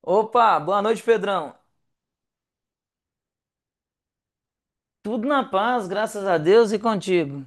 Opa, boa noite, Pedrão. Tudo na paz, graças a Deus e contigo.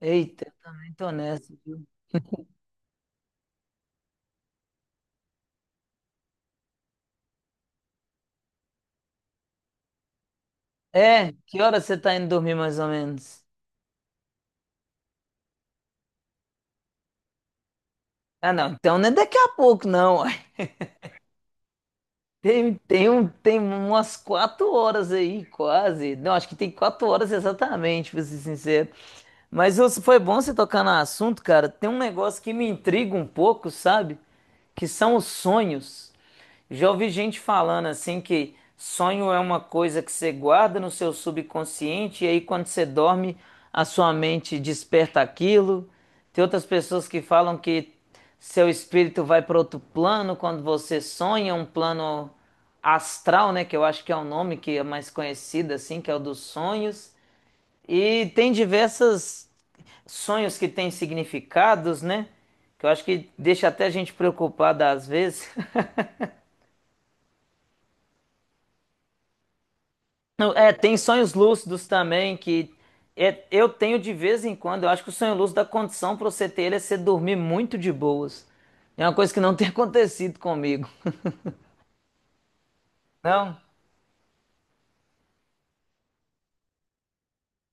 Eita, eu também tô nessa, viu? É, que hora você tá indo dormir mais ou menos? Ah, não, então não é daqui a pouco, não, uai. Tem umas quatro horas aí, quase. Não, acho que tem quatro horas exatamente, pra ser sincero. Mas ô, foi bom você tocar no assunto, cara. Tem um negócio que me intriga um pouco, sabe? Que são os sonhos. Já ouvi gente falando assim que sonho é uma coisa que você guarda no seu subconsciente e aí quando você dorme, a sua mente desperta aquilo. Tem outras pessoas que falam que seu espírito vai para outro plano quando você sonha, um plano astral, né, que eu acho que é o nome que é mais conhecido assim, que é o dos sonhos. E tem diversas sonhos que têm significados, né? Que eu acho que deixa até a gente preocupada às vezes. Não, é, tem sonhos lúcidos também que eu tenho de vez em quando. Eu acho que o sonho lúcido, a condição para você ter ele é você dormir muito de boas. É uma coisa que não tem acontecido comigo. Não,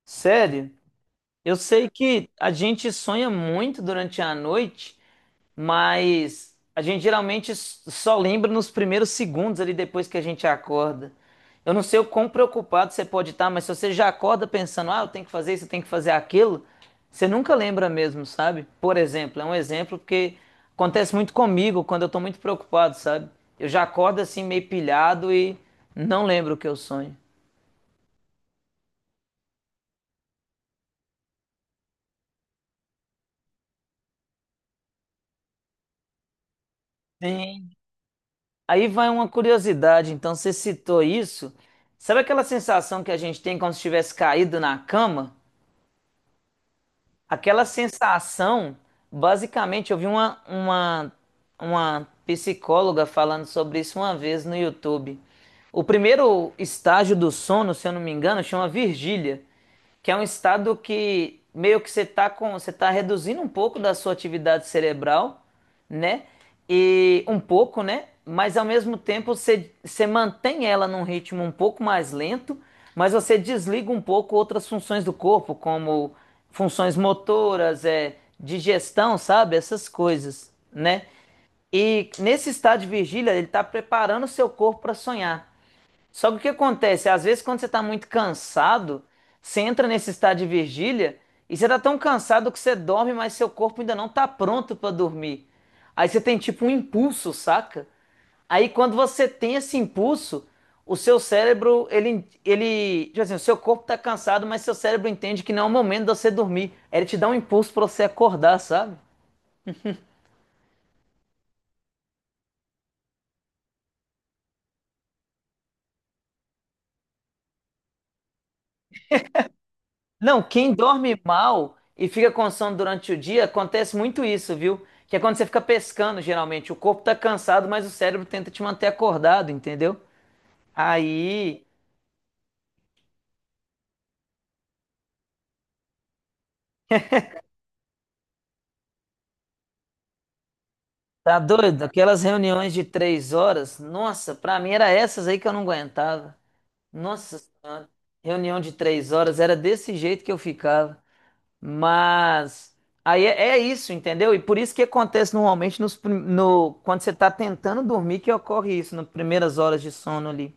sério. Eu sei que a gente sonha muito durante a noite, mas a gente geralmente só lembra nos primeiros segundos ali depois que a gente acorda. Eu não sei o quão preocupado você pode estar, mas se você já acorda pensando, ah, eu tenho que fazer isso, eu tenho que fazer aquilo, você nunca lembra mesmo, sabe? Por exemplo, é um exemplo porque acontece muito comigo quando eu tô muito preocupado, sabe? Eu já acordo assim meio pilhado e não lembro o que eu sonho. Sim. Aí vai uma curiosidade, então você citou isso. Sabe aquela sensação que a gente tem quando se tivesse caído na cama? Aquela sensação, basicamente, eu vi uma, uma psicóloga falando sobre isso uma vez no YouTube. O primeiro estágio do sono, se eu não me engano, chama vigília, que é um estado que meio que você tá com, você tá reduzindo um pouco da sua atividade cerebral, né? E um pouco, né? Mas ao mesmo tempo você, você mantém ela num ritmo um pouco mais lento, mas você desliga um pouco outras funções do corpo, como funções motoras, é, digestão, sabe? Essas coisas, né? E nesse estado de vigília, ele está preparando o seu corpo para sonhar. Só que o que acontece? Às vezes, quando você está muito cansado, você entra nesse estado de vigília e você está tão cansado que você dorme, mas seu corpo ainda não está pronto para dormir. Aí você tem tipo um impulso, saca? Aí quando você tem esse impulso, o seu cérebro, tipo assim, o seu corpo está cansado, mas seu cérebro entende que não é o momento de você dormir. Aí ele te dá um impulso para você acordar, sabe? Não, quem dorme mal e fica com sono durante o dia, acontece muito isso, viu? Que é quando você fica pescando, geralmente. O corpo tá cansado, mas o cérebro tenta te manter acordado, entendeu? Aí, tá doido? Aquelas reuniões de três horas, nossa, pra mim era essas aí que eu não aguentava. Nossa Senhora, reunião de três horas, era desse jeito que eu ficava. Mas aí é, é isso, entendeu? E por isso que acontece normalmente nos, prim- no, quando você está tentando dormir que ocorre isso, nas primeiras horas de sono ali.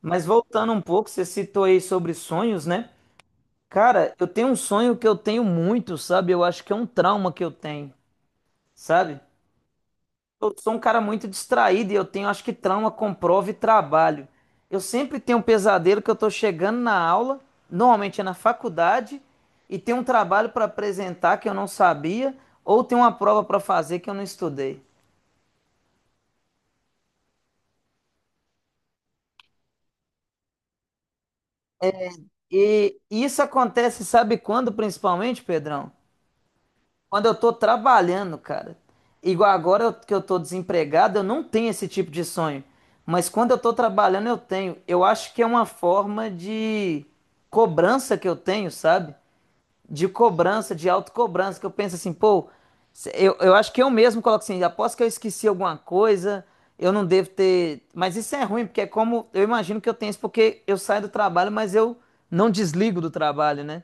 Mas voltando um pouco, você citou aí sobre sonhos, né? Cara, eu tenho um sonho que eu tenho muito, sabe? Eu acho que é um trauma que eu tenho, sabe? Eu sou um cara muito distraído e eu tenho, acho que trauma com prova e trabalho. Eu sempre tenho um pesadelo que eu tô chegando na aula, normalmente é na faculdade, e tem um trabalho para apresentar que eu não sabia, ou tem uma prova para fazer que eu não estudei. E isso acontece, sabe quando principalmente, Pedrão? Quando eu tô trabalhando, cara, que eu tô desempregado, eu não tenho esse tipo de sonho. Mas quando eu tô trabalhando, eu tenho. Eu acho que é uma forma de cobrança que eu tenho, sabe? De cobrança, de autocobrança, que eu penso assim, pô, eu acho que eu mesmo coloco assim, aposto que eu esqueci alguma coisa, eu não devo ter. Mas isso é ruim, porque é como. Eu imagino que eu tenho isso, porque eu saio do trabalho, mas eu não desligo do trabalho, né?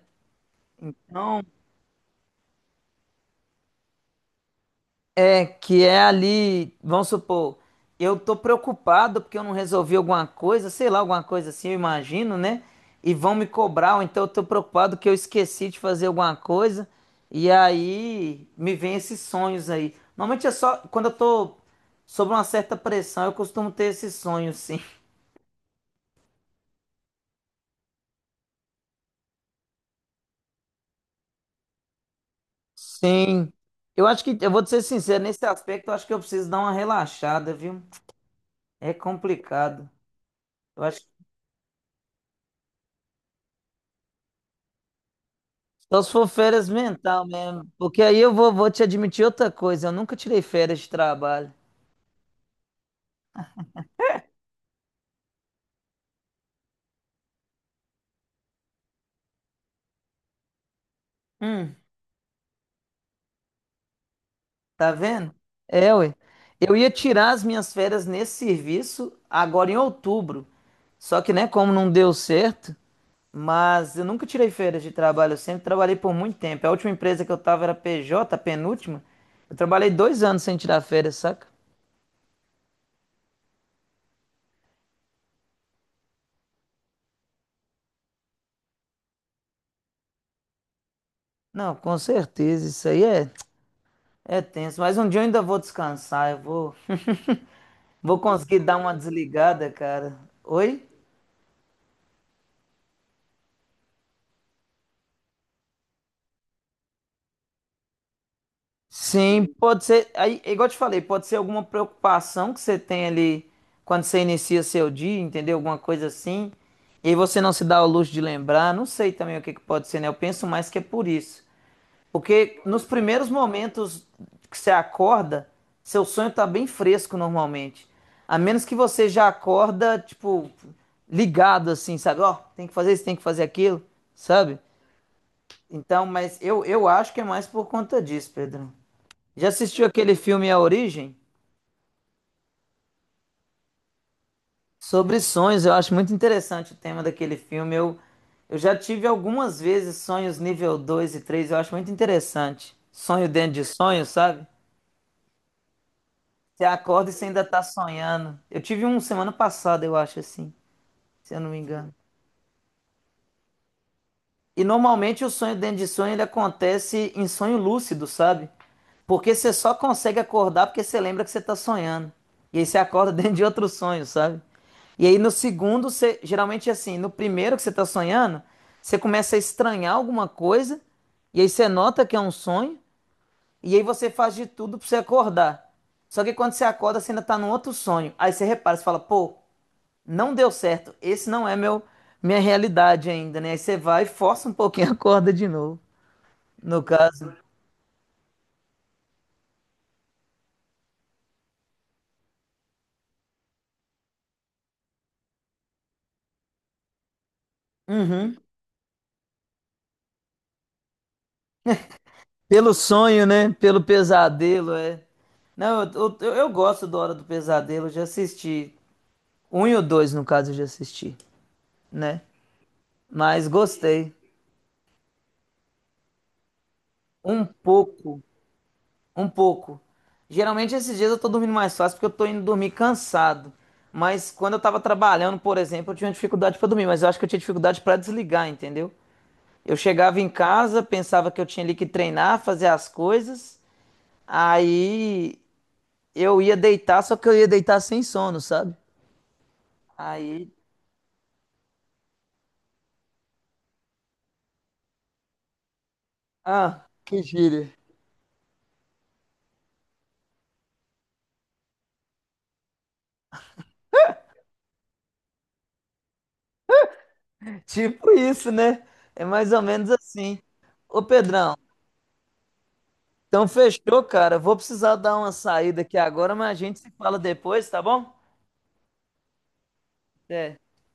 É, que é ali, vamos supor, eu tô preocupado porque eu não resolvi alguma coisa, sei lá, alguma coisa assim, eu imagino, né? E vão me cobrar, ou então eu tô preocupado que eu esqueci de fazer alguma coisa, e aí me vem esses sonhos aí. Normalmente é só quando eu tô sob uma certa pressão, eu costumo ter esses sonhos, sim. Sim. Eu vou te ser sincero, nesse aspecto eu acho que eu preciso dar uma relaxada, viu? É complicado. Eu acho Só se for férias mental mesmo. Porque aí vou te admitir outra coisa. Eu nunca tirei férias de trabalho. Hum, Tá vendo? É, ué. Eu ia tirar as minhas férias nesse serviço agora em outubro. Só que, né, como não deu certo, mas eu nunca tirei férias de trabalho. Eu sempre trabalhei por muito tempo. A última empresa que eu tava era PJ, a penúltima. Eu trabalhei dois anos sem tirar férias, saca? Não, com certeza. Isso aí é, é tenso. Mas um dia eu ainda vou descansar. Eu vou. Vou conseguir dar uma desligada, cara. Oi? Sim, pode ser. Aí, é igual eu te falei, pode ser alguma preocupação que você tem ali quando você inicia seu dia, entendeu? Alguma coisa assim. E aí você não se dá o luxo de lembrar. Não sei também o que que pode ser, né? Eu penso mais que é por isso. Porque nos primeiros momentos que você acorda, seu sonho tá bem fresco normalmente. A menos que você já acorda, tipo, ligado assim, sabe? Ó, tem que fazer isso, tem que fazer aquilo, sabe? Então, mas eu acho que é mais por conta disso, Pedro. Já assistiu aquele filme A Origem? Sobre sonhos, eu acho muito interessante o tema daquele filme. Eu já tive algumas vezes sonhos nível 2 e 3. Eu acho muito interessante. Sonho dentro de sonho, sabe? Você acorda e você ainda tá sonhando. Eu tive um semana passada, eu acho assim, se eu não me engano. E normalmente o sonho dentro de sonho ele acontece em sonho lúcido, sabe? Porque você só consegue acordar porque você lembra que você está sonhando. E aí você acorda dentro de outro sonho, sabe? E aí no segundo, você, geralmente assim, no primeiro que você está sonhando, você começa a estranhar alguma coisa, e aí você nota que é um sonho, e aí você faz de tudo para você acordar. Só que quando você acorda, você ainda está num outro sonho. Aí você repara, você fala, pô, não deu certo. Esse não é meu minha realidade ainda, né? Aí você vai e força um pouquinho a corda de novo, no caso. Uhum. Pelo sonho, né? Pelo pesadelo, é. Não, eu gosto do Hora do Pesadelo, eu já assisti. Um e o dois, no caso, eu já assisti, né? Mas gostei. Um pouco, um pouco. Geralmente esses dias eu tô dormindo mais fácil porque eu tô indo dormir cansado. Mas quando eu tava trabalhando, por exemplo, eu tinha dificuldade pra dormir, mas eu acho que eu tinha dificuldade pra desligar, entendeu? Eu chegava em casa, pensava que eu tinha ali que treinar, fazer as coisas. Aí eu ia deitar, só que eu ia deitar sem sono, sabe? Aí, ah, que gíria. Tipo isso, né? É mais ou menos assim. Ô, Pedrão, então fechou, cara. Vou precisar dar uma saída aqui agora, mas a gente se fala depois, tá bom? Até.